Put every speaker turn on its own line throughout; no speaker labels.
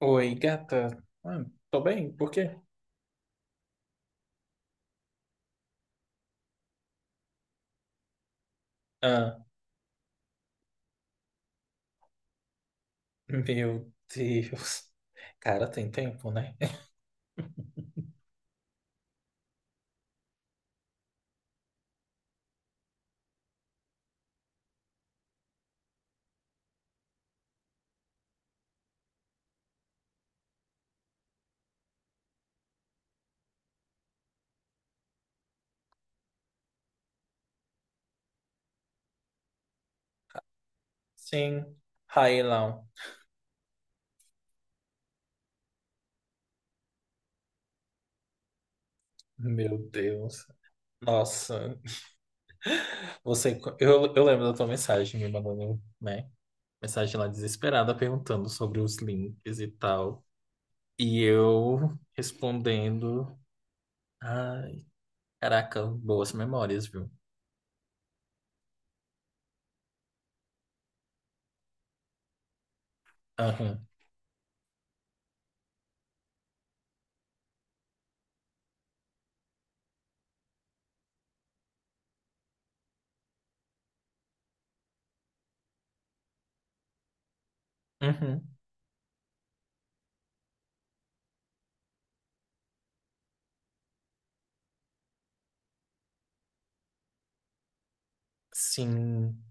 Oi, gata. Ah, tô bem, por quê? Ah, meu Deus. Cara, tem tempo, né? Sim, Railão. Meu Deus. Nossa, você. Eu lembro da tua mensagem me mandando, né? Mensagem lá desesperada perguntando sobre os links e tal. E eu respondendo. Ai, caraca, boas memórias, viu? Aham. Uhum. Sim.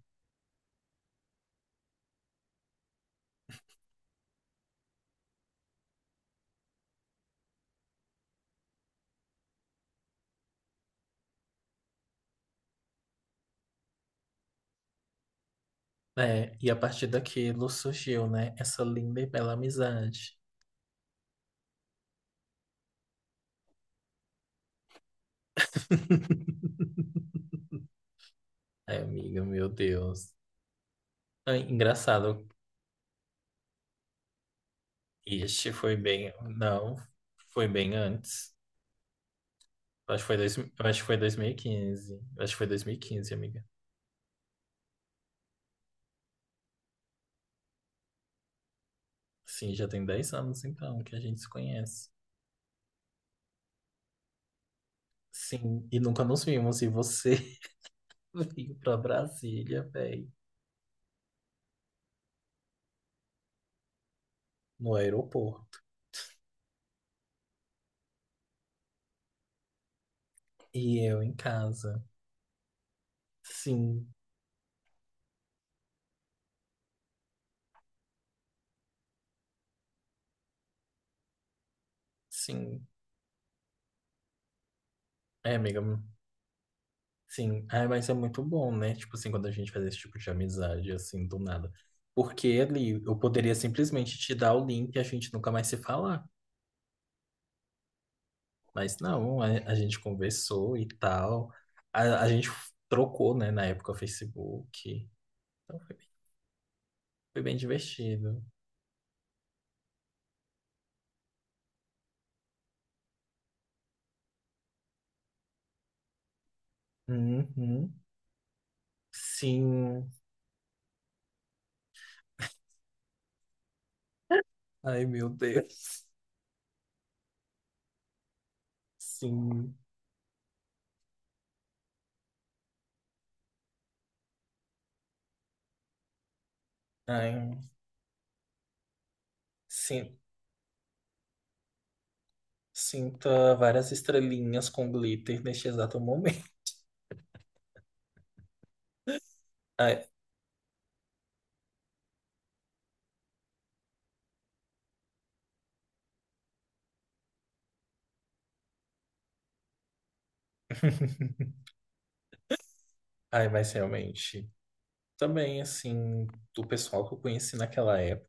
É, e a partir daquilo surgiu, né, essa linda e bela amizade. Ai, amiga, meu Deus. Ai, engraçado. Este foi bem. Não, foi bem antes. Acho que foi 2015. Acho que foi dois mil e quinze, amiga. Sim, já tem 10 anos então que a gente se conhece. Sim, e nunca nos vimos. E você veio pra Brasília, velho, no aeroporto. E eu em casa. Sim, sim. É, amiga, sim, ah, mas é muito bom, né? Tipo assim, quando a gente faz esse tipo de amizade, assim, do nada. Porque ele, eu poderia simplesmente te dar o link e a gente nunca mais se falar. Mas não, a gente conversou e tal. A gente trocou, né, na época, o Facebook. Então foi bem divertido. Uhum. Sim. Ai, meu Deus. Sim. Ai, sim. Sinta várias estrelinhas com glitter neste exato momento. Ai. Ai, mas realmente, também assim, do pessoal que eu conheci naquela época,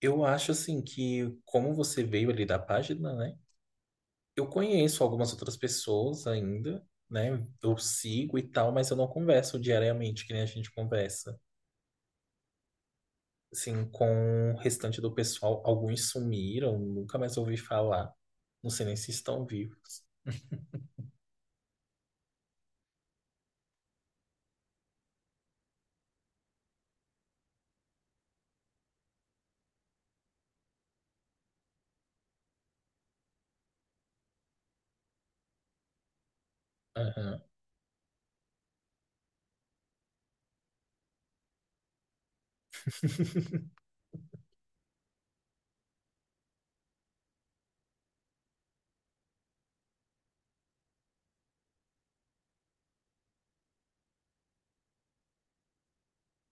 eu acho assim que como você veio ali da página, né? Eu conheço algumas outras pessoas ainda, né? Eu sigo e tal, mas eu não converso diariamente, que nem a gente conversa. Assim, com o restante do pessoal, alguns sumiram, nunca mais ouvi falar. Não sei nem se estão vivos. Aham.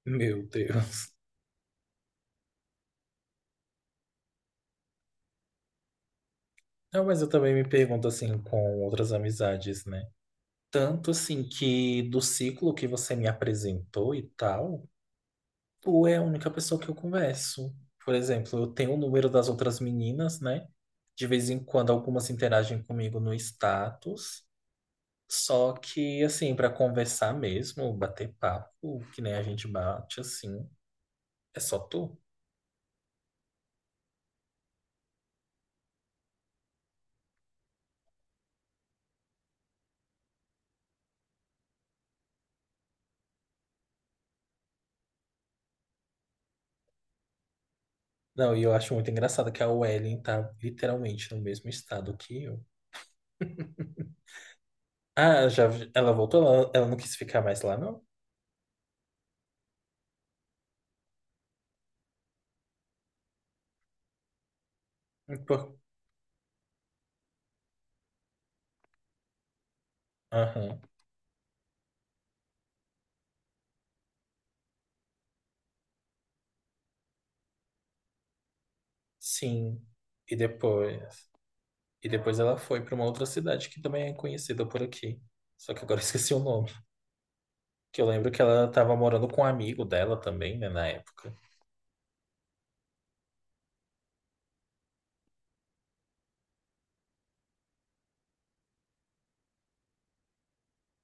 Meu Deus. Não, mas eu também me pergunto assim com outras amizades, né? Tanto assim que do ciclo que você me apresentou e tal, tu é a única pessoa que eu converso. Por exemplo, eu tenho o número das outras meninas, né? De vez em quando algumas interagem comigo no status. Só que, assim, pra conversar mesmo, bater papo, que nem a gente bate, assim, é só tu. Não, e eu acho muito engraçado que a Wellen tá literalmente no mesmo estado que eu. Ah, já, ela voltou? Ela não quis ficar mais lá, não? Por- Aham. Sim. E depois, e depois ela foi pra uma outra cidade que também é conhecida por aqui. Só que agora eu esqueci o nome. Que eu lembro que ela tava morando com um amigo dela também, né, na época.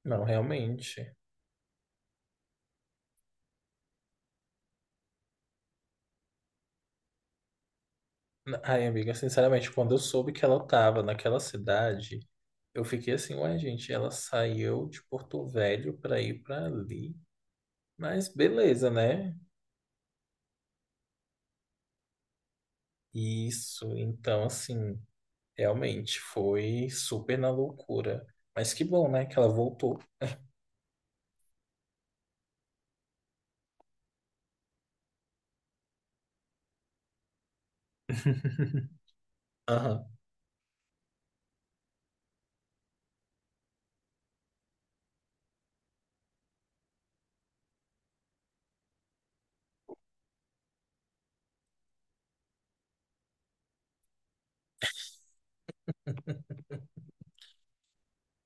Não, realmente. Ai, amiga, sinceramente, quando eu soube que ela tava naquela cidade, eu fiquei assim, ué, gente, ela saiu de Porto Velho pra ir pra ali. Mas beleza, né? Isso, então, assim, realmente foi super na loucura. Mas que bom, né, que ela voltou. Aham.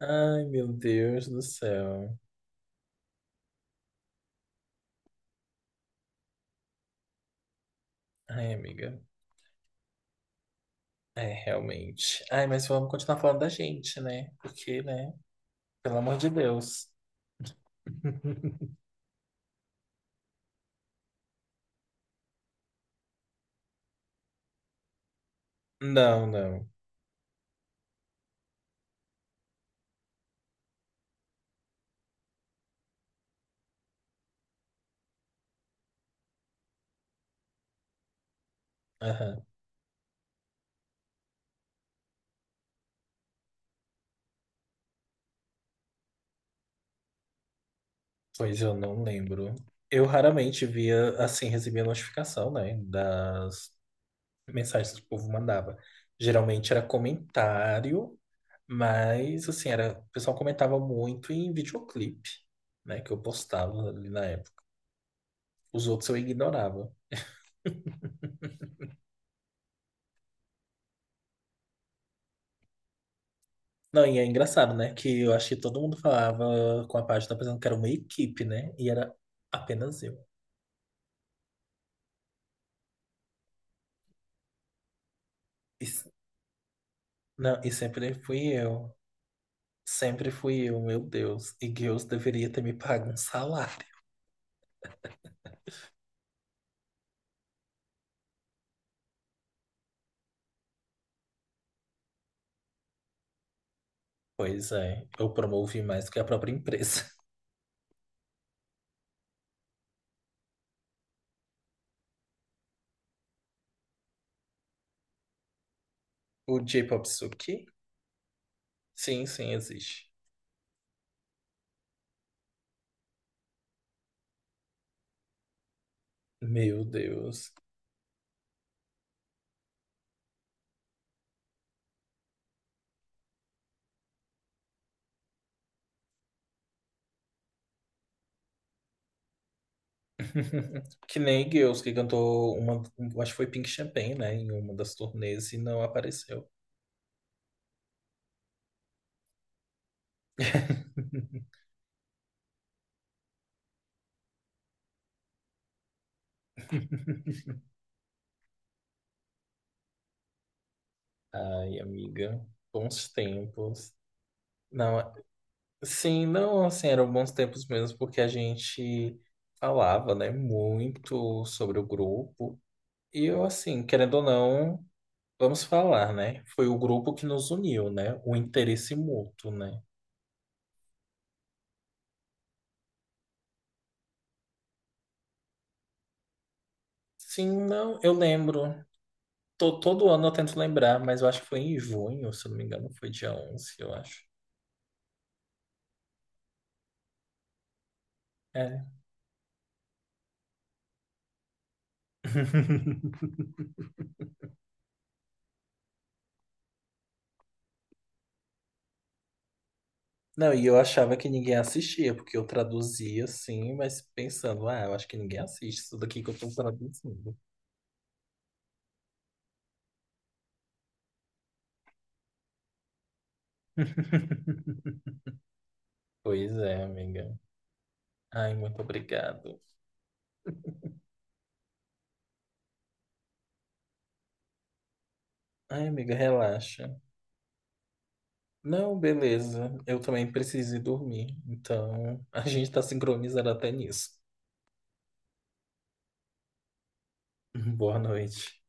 Ai, meu Deus do céu. Ai, amiga. É, realmente. Ai, mas vamos continuar falando da gente, né? Porque, né? Pelo amor de Deus. Não, não. Aham. Pois eu não lembro. Eu raramente via, assim, recebia notificação, né? Das mensagens que o povo mandava. Geralmente era comentário, mas, assim, era, o pessoal comentava muito em videoclipe, né? Que eu postava ali na época. Os outros eu ignorava. Não, e é engraçado, né? Que eu acho que todo mundo falava com a página pensando que era uma equipe, né? E era apenas eu. E, s- não, e sempre fui eu. Sempre fui eu, meu Deus. E Deus deveria ter me pago um salário. Pois é, eu promovi mais do que a própria empresa. O J-Pop Suki? Sim, sim, existe. Meu Deus. Que nem Girls, que cantou uma. Acho que foi Pink Champagne, né? Em uma das turnês e não apareceu. Ai, amiga, bons tempos. Não, sim, não, assim, eram bons tempos mesmo, porque a gente falava, né, muito sobre o grupo. E eu, assim, querendo ou não, vamos falar, né? Foi o grupo que nos uniu, né? O interesse mútuo, né? Sim, não, eu lembro. Todo ano eu tento lembrar, mas eu acho que foi em junho, se eu não me engano, foi dia 11, eu acho. É. Não, e eu achava que ninguém assistia, porque eu traduzia assim, mas pensando, ah, eu acho que ninguém assiste isso daqui que eu tô traduzindo. Pois é, amiga. Ai, muito obrigado. Ai, amiga, relaxa. Não, beleza. Eu também preciso ir dormir. Então, a gente tá sincronizado até nisso. Boa noite.